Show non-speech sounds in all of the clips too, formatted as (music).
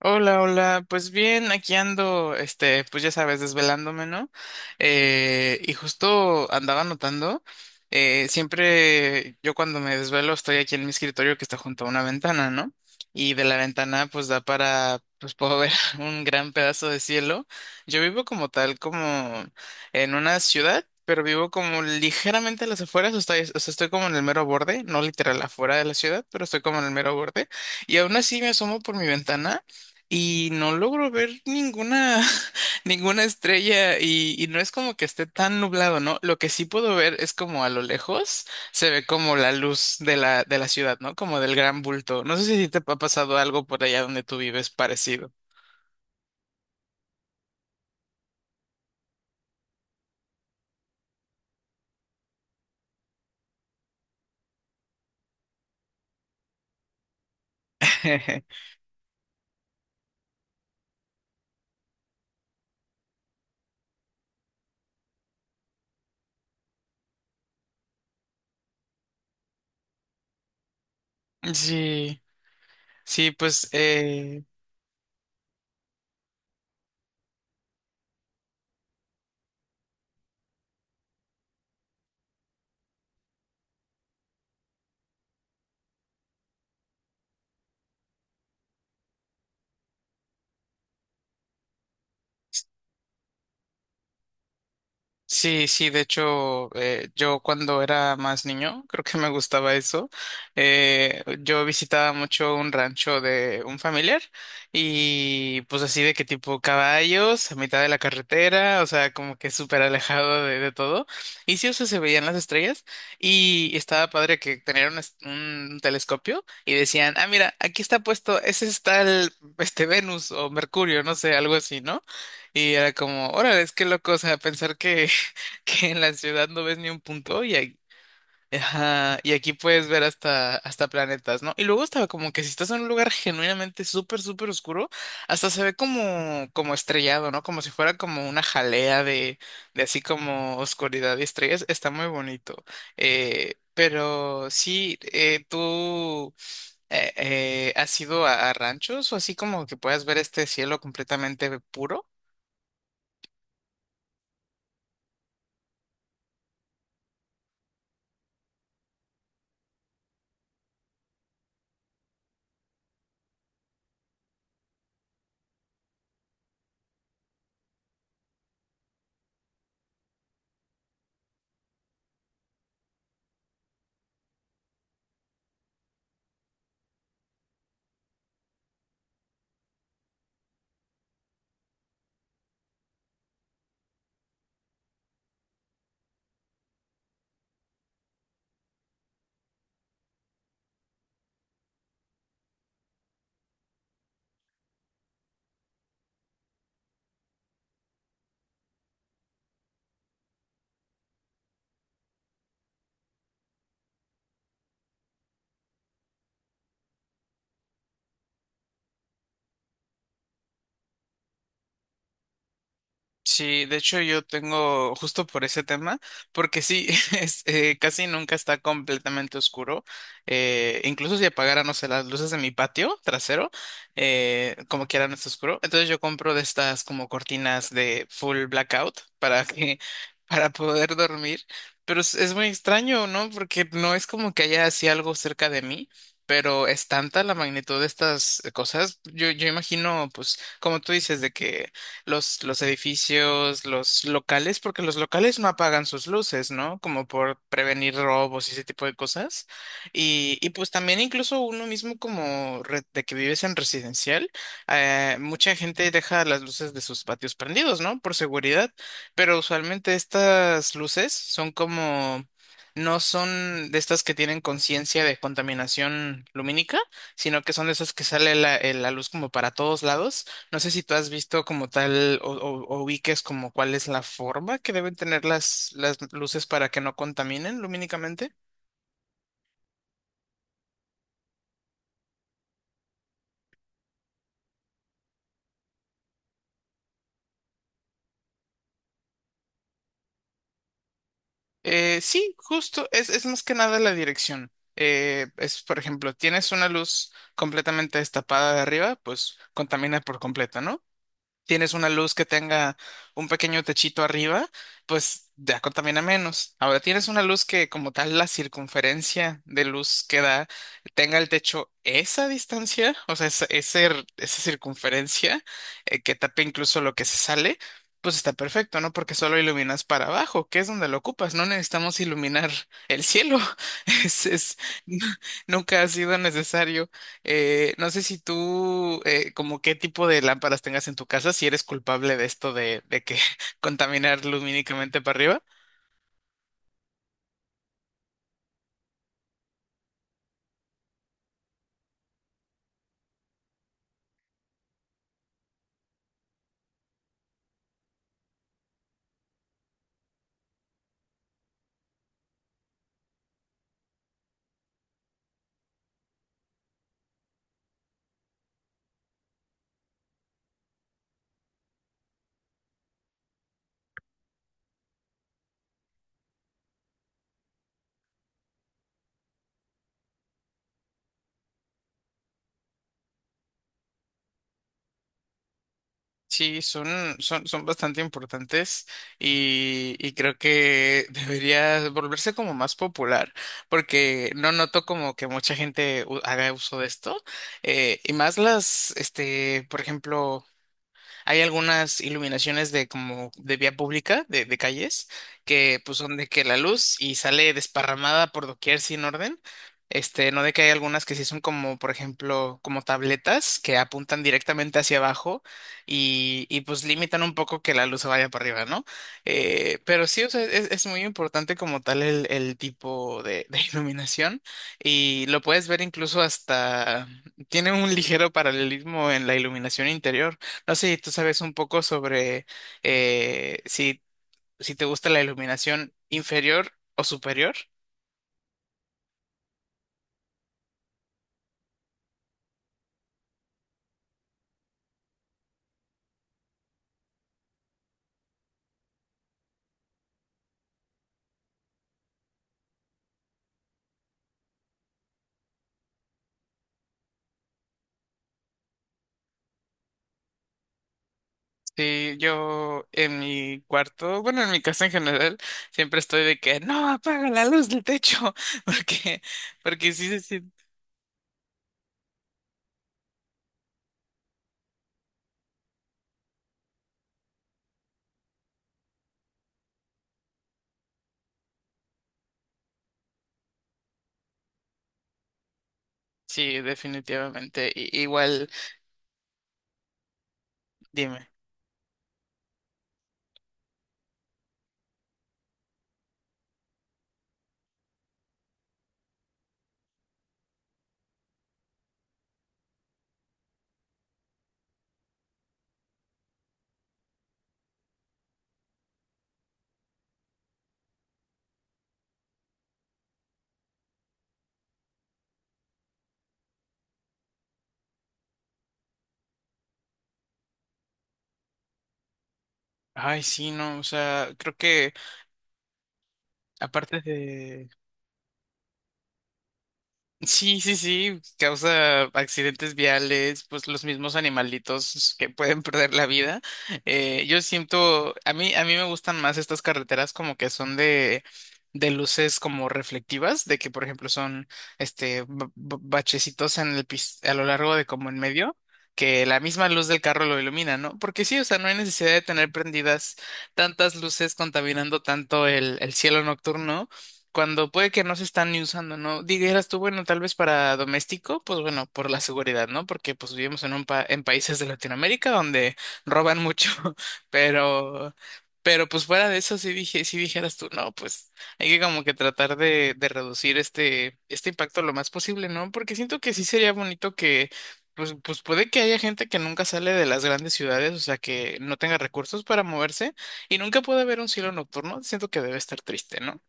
Hola, hola, pues bien, aquí ando, este, pues ya sabes, desvelándome, ¿no? Y justo andaba notando, siempre yo cuando me desvelo estoy aquí en mi escritorio que está junto a una ventana, ¿no? Y de la ventana pues da para, pues puedo ver (laughs) un gran pedazo de cielo. Yo vivo como tal, como en una ciudad, pero vivo como ligeramente a las afueras, o sea, estoy como en el mero borde, no literal afuera de la ciudad, pero estoy como en el mero borde. Y aún así me asomo por mi ventana. Y no logro ver ninguna, (laughs) ninguna estrella y no es como que esté tan nublado, ¿no? Lo que sí puedo ver es como a lo lejos se ve como la luz de la ciudad, ¿no? Como del gran bulto. No sé si te ha pasado algo por allá donde tú vives parecido. (laughs) Sí, sí, pues sí, sí, de hecho, yo cuando era más niño, creo que me gustaba eso. Yo visitaba mucho un rancho de un familiar y pues así de que tipo caballos a mitad de la carretera, o sea, como que súper alejado de todo. Y sí, o sea, se veían las estrellas y estaba padre que tenían un, un telescopio y decían, ah, mira, aquí está puesto, ese es tal, este Venus o Mercurio, no sé, algo así, ¿no? Y era como, órale, es que loco, o sea, pensar que en la ciudad no ves ni un punto y aquí puedes ver hasta, hasta planetas, ¿no? Y luego estaba como que si estás en un lugar genuinamente súper, súper oscuro, hasta se ve como, como estrellado, ¿no? Como si fuera como una jalea de así como oscuridad y estrellas. Está muy bonito. Pero sí, tú... ¿has ido a ranchos o así como que puedas ver este cielo completamente puro? Sí, de hecho yo tengo justo por ese tema, porque sí, (laughs) es, casi nunca está completamente oscuro. Incluso si apagara, no sé, las luces de mi patio trasero, como quiera no está oscuro. Entonces yo compro de estas como cortinas de full blackout para que, (laughs) para poder dormir. Pero es muy extraño, ¿no? Porque no es como que haya así algo cerca de mí. Pero es tanta la magnitud de estas cosas. Yo imagino, pues, como tú dices, de que los edificios, los locales, porque los locales no apagan sus luces, ¿no? Como por prevenir robos y ese tipo de cosas. Y pues también incluso uno mismo como de que vives en residencial, mucha gente deja las luces de sus patios prendidos, ¿no? Por seguridad, pero usualmente estas luces son como... No son de estas que tienen conciencia de contaminación lumínica, sino que son de esas que sale la, la luz como para todos lados. No sé si tú has visto como tal o ubiques como cuál es la forma que deben tener las luces para que no contaminen lumínicamente. Sí, justo, es más que nada la dirección. Es, por ejemplo, tienes una luz completamente destapada de arriba, pues contamina por completo, ¿no? Tienes una luz que tenga un pequeño techito arriba, pues ya contamina menos. Ahora tienes una luz que como tal la circunferencia de luz que da tenga el techo esa distancia, o sea, esa, ese esa circunferencia, que tape incluso lo que se sale, pues está perfecto, ¿no? Porque solo iluminas para abajo, que es donde lo ocupas, no necesitamos iluminar el cielo. (laughs) Es, (laughs) nunca ha sido necesario. No sé si tú, como qué tipo de lámparas tengas en tu casa, si eres culpable de esto de que (laughs) contaminar lumínicamente para arriba. Sí, son, son bastante importantes y creo que (laughs) debería volverse como más popular, porque no noto como que mucha gente haga uso de esto. Y más las, este, por ejemplo, hay algunas iluminaciones de como de vía pública, de calles, que pues son de que la luz y sale desparramada por doquier sin orden. Este, no de que hay algunas que sí son como, por ejemplo, como tabletas que apuntan directamente hacia abajo y pues limitan un poco que la luz se vaya para arriba, ¿no? Pero sí, o sea, es muy importante como tal el tipo de (laughs) iluminación y lo puedes ver incluso hasta, tiene un ligero paralelismo en la iluminación interior. No sé si tú sabes un poco sobre si, si te gusta la iluminación inferior o superior. Sí, yo en mi cuarto, bueno, en mi casa en general, siempre estoy de que no apaga la luz del techo, (laughs) porque, porque sí, sí, sí, sí, definitivamente. Igual, dime. Ay, sí, no, o sea, creo que aparte sí, sí, sí, causa accidentes viales, pues los mismos animalitos que pueden perder la vida. Yo siento, a mí me gustan más estas carreteras como que son de luces como reflectivas, de que por ejemplo son este bachecitos en el a lo largo de como en medio, que la misma luz del carro lo ilumina, ¿no? Porque sí, o sea, no hay necesidad de tener prendidas tantas luces contaminando tanto el cielo nocturno cuando puede que no se están ni usando, ¿no? Dijeras tú, bueno, tal vez para doméstico, pues bueno, por la seguridad, ¿no? Porque pues vivimos en un en países de Latinoamérica donde roban mucho, (laughs) pero pero pues fuera de eso sí dije, sí dijeras tú, no, pues hay que como que tratar de reducir este este impacto lo más posible, ¿no? Porque siento que sí sería bonito que pues, pues puede que haya gente que nunca sale de las grandes ciudades, o sea, que no tenga recursos para moverse y nunca puede haber un cielo nocturno. Siento que debe estar triste, ¿no?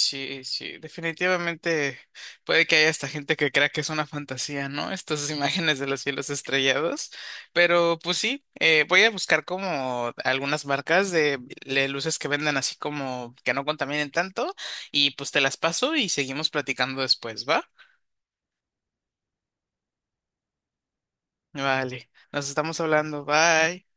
Sí, sí, definitivamente puede que haya esta gente que crea que es una fantasía, ¿no? Estas (laughs) imágenes de los cielos estrellados, pero pues sí, voy a buscar como algunas marcas de, luces que vendan así como que no contaminen tanto y pues te las paso y seguimos platicando después, ¿va? Vale, nos estamos hablando, bye.